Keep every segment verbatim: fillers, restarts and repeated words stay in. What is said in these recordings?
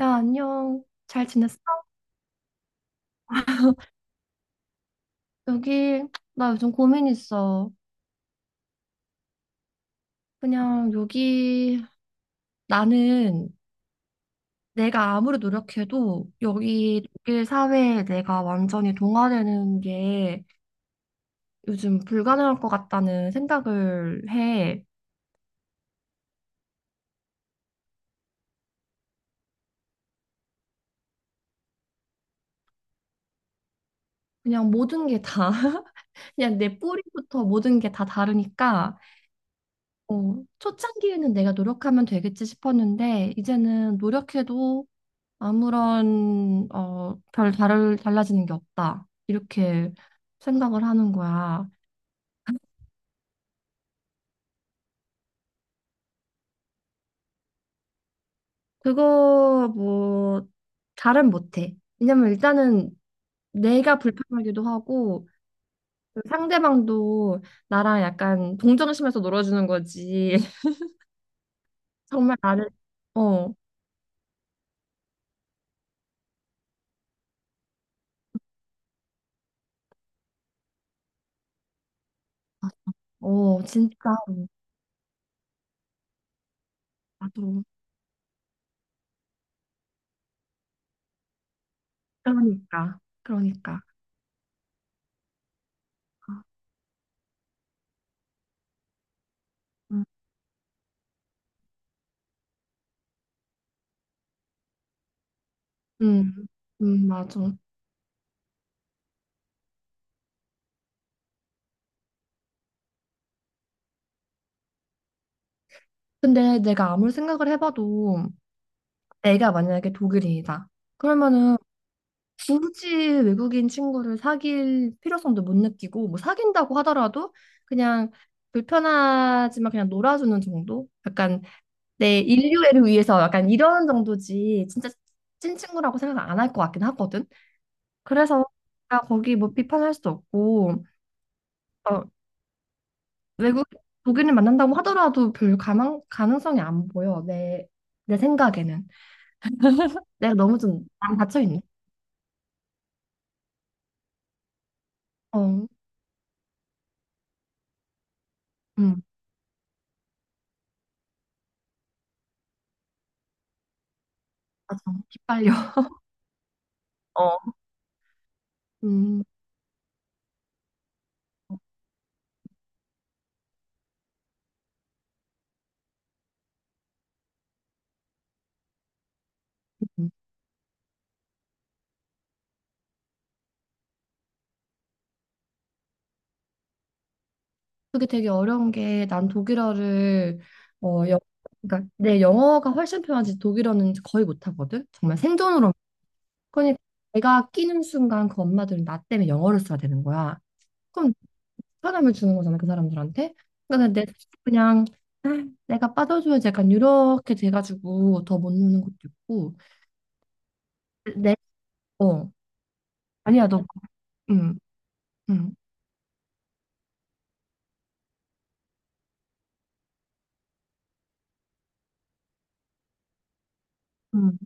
야, 안녕. 잘 지냈어? 여기, 나 요즘 고민 있어. 그냥 여기, 나는 내가 아무리 노력해도 여기 독일 사회에 내가 완전히 동화되는 게 요즘 불가능할 것 같다는 생각을 해. 그냥 모든 게 다, 그냥 내 뿌리부터 모든 게 다 다르니까, 어, 초창기에는 내가 노력하면 되겠지 싶었는데, 이제는 노력해도 아무런 어, 별 다를, 달라지는 게 없다. 이렇게 생각을 하는 거야. 그거 뭐 잘은 못해. 왜냐면 일단은 내가 불편하기도 하고 그 상대방도 나랑 약간 동정심에서 놀아주는 거지. 정말 나를 어, 어, 진짜. 나도 그러니까 그러니까. 아, 음, 음, 음, 맞아. 근데 내가 아무리 생각을 해봐도 내가 만약에 독일인이다. 그러면은 굳이 외국인 친구를 사귈 필요성도 못 느끼고 뭐 사귄다고 하더라도 그냥 불편하지만 그냥 놀아주는 정도? 약간 내 인류애를 위해서 약간 이런 정도지 진짜 찐친구라고 생각 안 할 것 같긴 하거든. 그래서 나 거기 뭐 비판할 수도 없고 어, 외국 독일인 만난다고 하더라도 별 가망, 가능성이 안 보여 내, 내 생각에는. 내가 너무 좀 안 닫혀 있네. 어, 음. 맞아. 기빨려. 어, 음, 음. 그게 되게 어려운 게 난 독일어를 어, 영, 그러니까 내 영어가 훨씬 편하지 독일어는 거의 못하거든. 정말 생존으로. 그러니까 내가 끼는 순간 그 엄마들은 나 때문에 영어를 써야 되는 거야. 그럼 편함을 주는 거잖아 그 사람들한테. 그러니까 내 자식 그냥 아, 내가 빠져주면 약간 이렇게 돼가지고 더 못 노는 것도 있고. 내 어 아니야 너 음, 음. 음,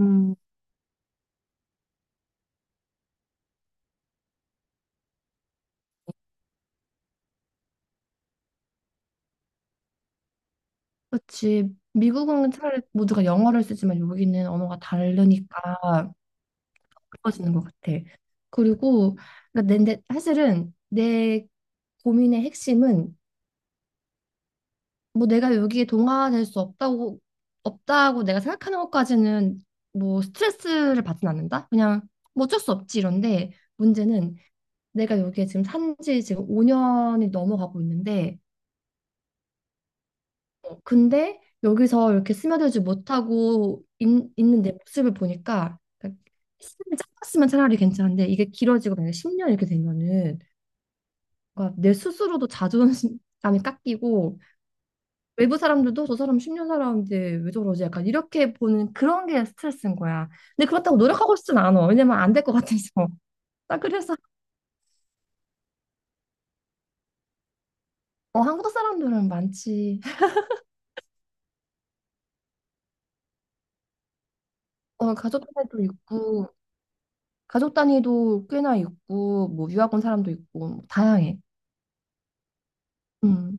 음. 그렇지. 미국은 차라리 모두가 영어를 쓰지만 여기는 언어가 다르니까 어려워지는 것 같아. 그리고 그러니까 내, 내- 사실은 내 고민의 핵심은 뭐 내가 여기에 동화될 수 없다고 없다고 내가 생각하는 것까지는 뭐 스트레스를 받진 않는다. 그냥 뭐 어쩔 수 없지 이런데 문제는 내가 여기에 지금 산지 지금 오 년이 넘어가고 있는데 근데 여기서 이렇게 스며들지 못하고 있, 는내 모습을 보니까 그러니까 시간이 짧았으면 차라리 괜찮은데 이게 길어지고 만약에 십 년 이렇게 되면은 뭔가 내 스스로도 자존감이 깎이고 외부 사람들도 저 사람 십 년 살았는데 왜 저러지 약간 이렇게 보는 그런 게 스트레스인 거야. 근데 그렇다고 노력하고 싶진 않아. 왜냐면 안 될 것 같아서. 나 그래서 어, 한국 사람들은 많지. 어, 가족 단위도 있고 가족 단위도 꽤나 있고 뭐 유학 온 사람도 있고 뭐 다양해. 음.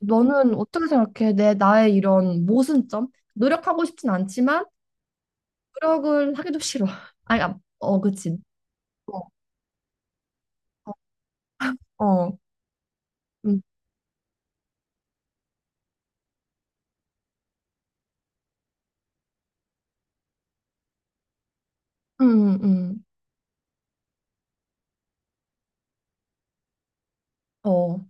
너는 어떻게 생각해? 내 나의 이런 모순점? 노력하고 싶진 않지만 노력을 하기도 싫어. 아니, 아, 어, 그치. 어, 어, 어. 음, 음, 음, 어,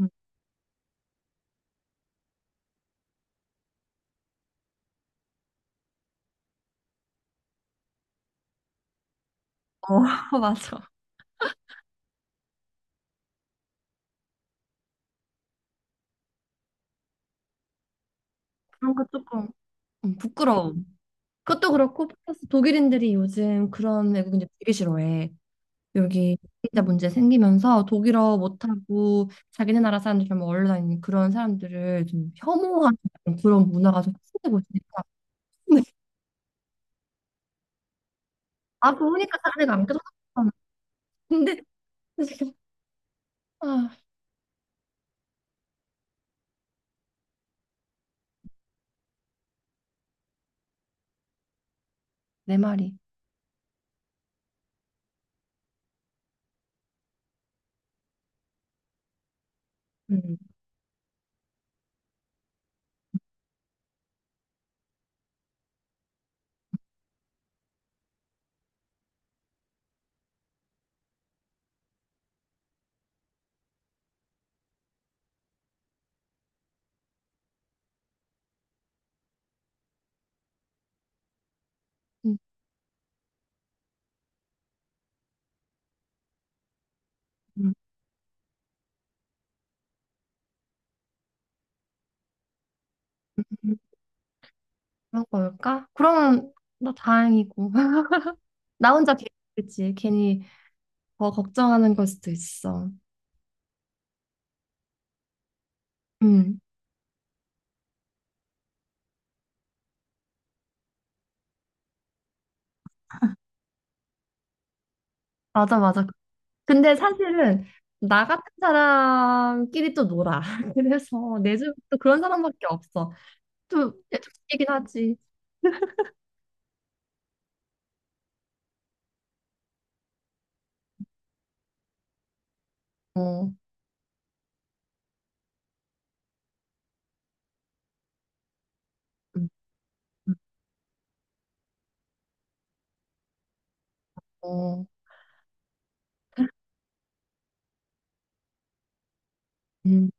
음, 어, 맞아. 그런 거 조금 음, 부끄러움. 그것도 그렇고 플러스 독일인들이 요즘 그런 외국인들 되게 싫어해. 여기 비자 문제 생기면서 독일어 못하고 자기네 나라 사람들 좀 얼려 다니는 그런 사람들을 좀 혐오하는 그런 문화가 좀 확산되고 있으니까. 아, 그러니까 사례가 안 끊어졌잖아. 근데, 지금, 아, 내 말이. 음. 음, 음, 음, 그런 걸까? 그러면 나 다행이고. 나 혼자 괜히, 그치? 괜히 더 걱정하는 걸 수도 있어. 음, 맞아, 맞아. 근데 사실은 나 같은 사람끼리 또 놀아. 그래서 내 주변 또 그런 사람밖에 없어. 또 애초이긴 하지. 어, 음, 음, 어, 음,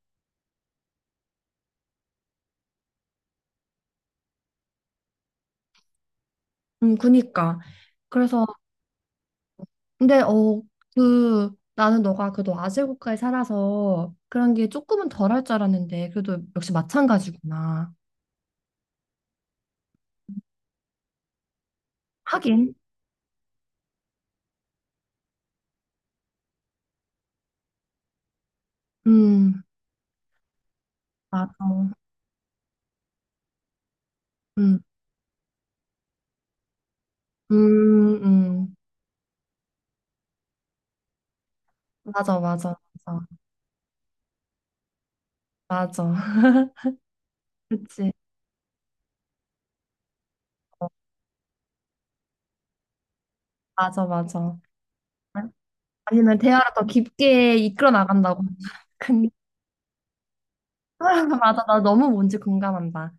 음, 그니까. 그래서 근데 어, 그 나는 너가 그래도 아재 국가에 살아서 그런 게 조금은 덜할 줄 알았는데 그래도 역시 마찬가지구나. 하긴. 음, 맞아. 음, 음, 음. 맞아, 맞아, 맞아, 맞아. 그치. 어, 맞아, 맞아. 아, 아니면 대화를 더 깊게 이끌어 나간다고. 근데 맞아, 나 너무 뭔지 공감한다.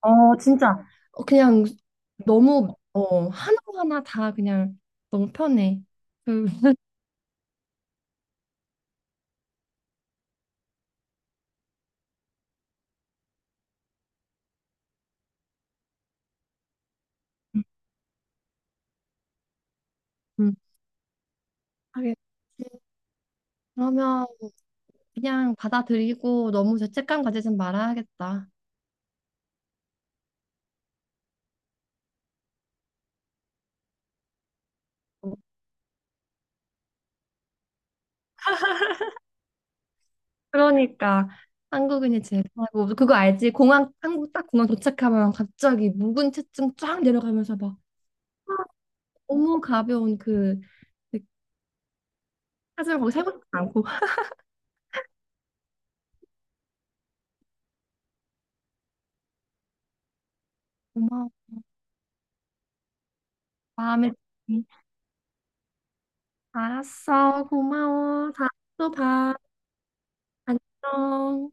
어, 진짜. 어, 그냥 너무 어 하나하나 다 그냥 너무 편해. 그, 음, 음. 하겠지. 그러면 그냥 받아들이고 너무 죄책감 가지진 말아야겠다. 그러니까 한국인이 제일 하고 그거 알지? 공항 한국 딱 공항 도착하면 갑자기 묵은 체증 쫙 내려가면서 막 너무 가벼운 그 하지만 거기 살고 싶지 않고 고마워 마음에 드니. 알았어 고마워 다음에 또 봐. 안녕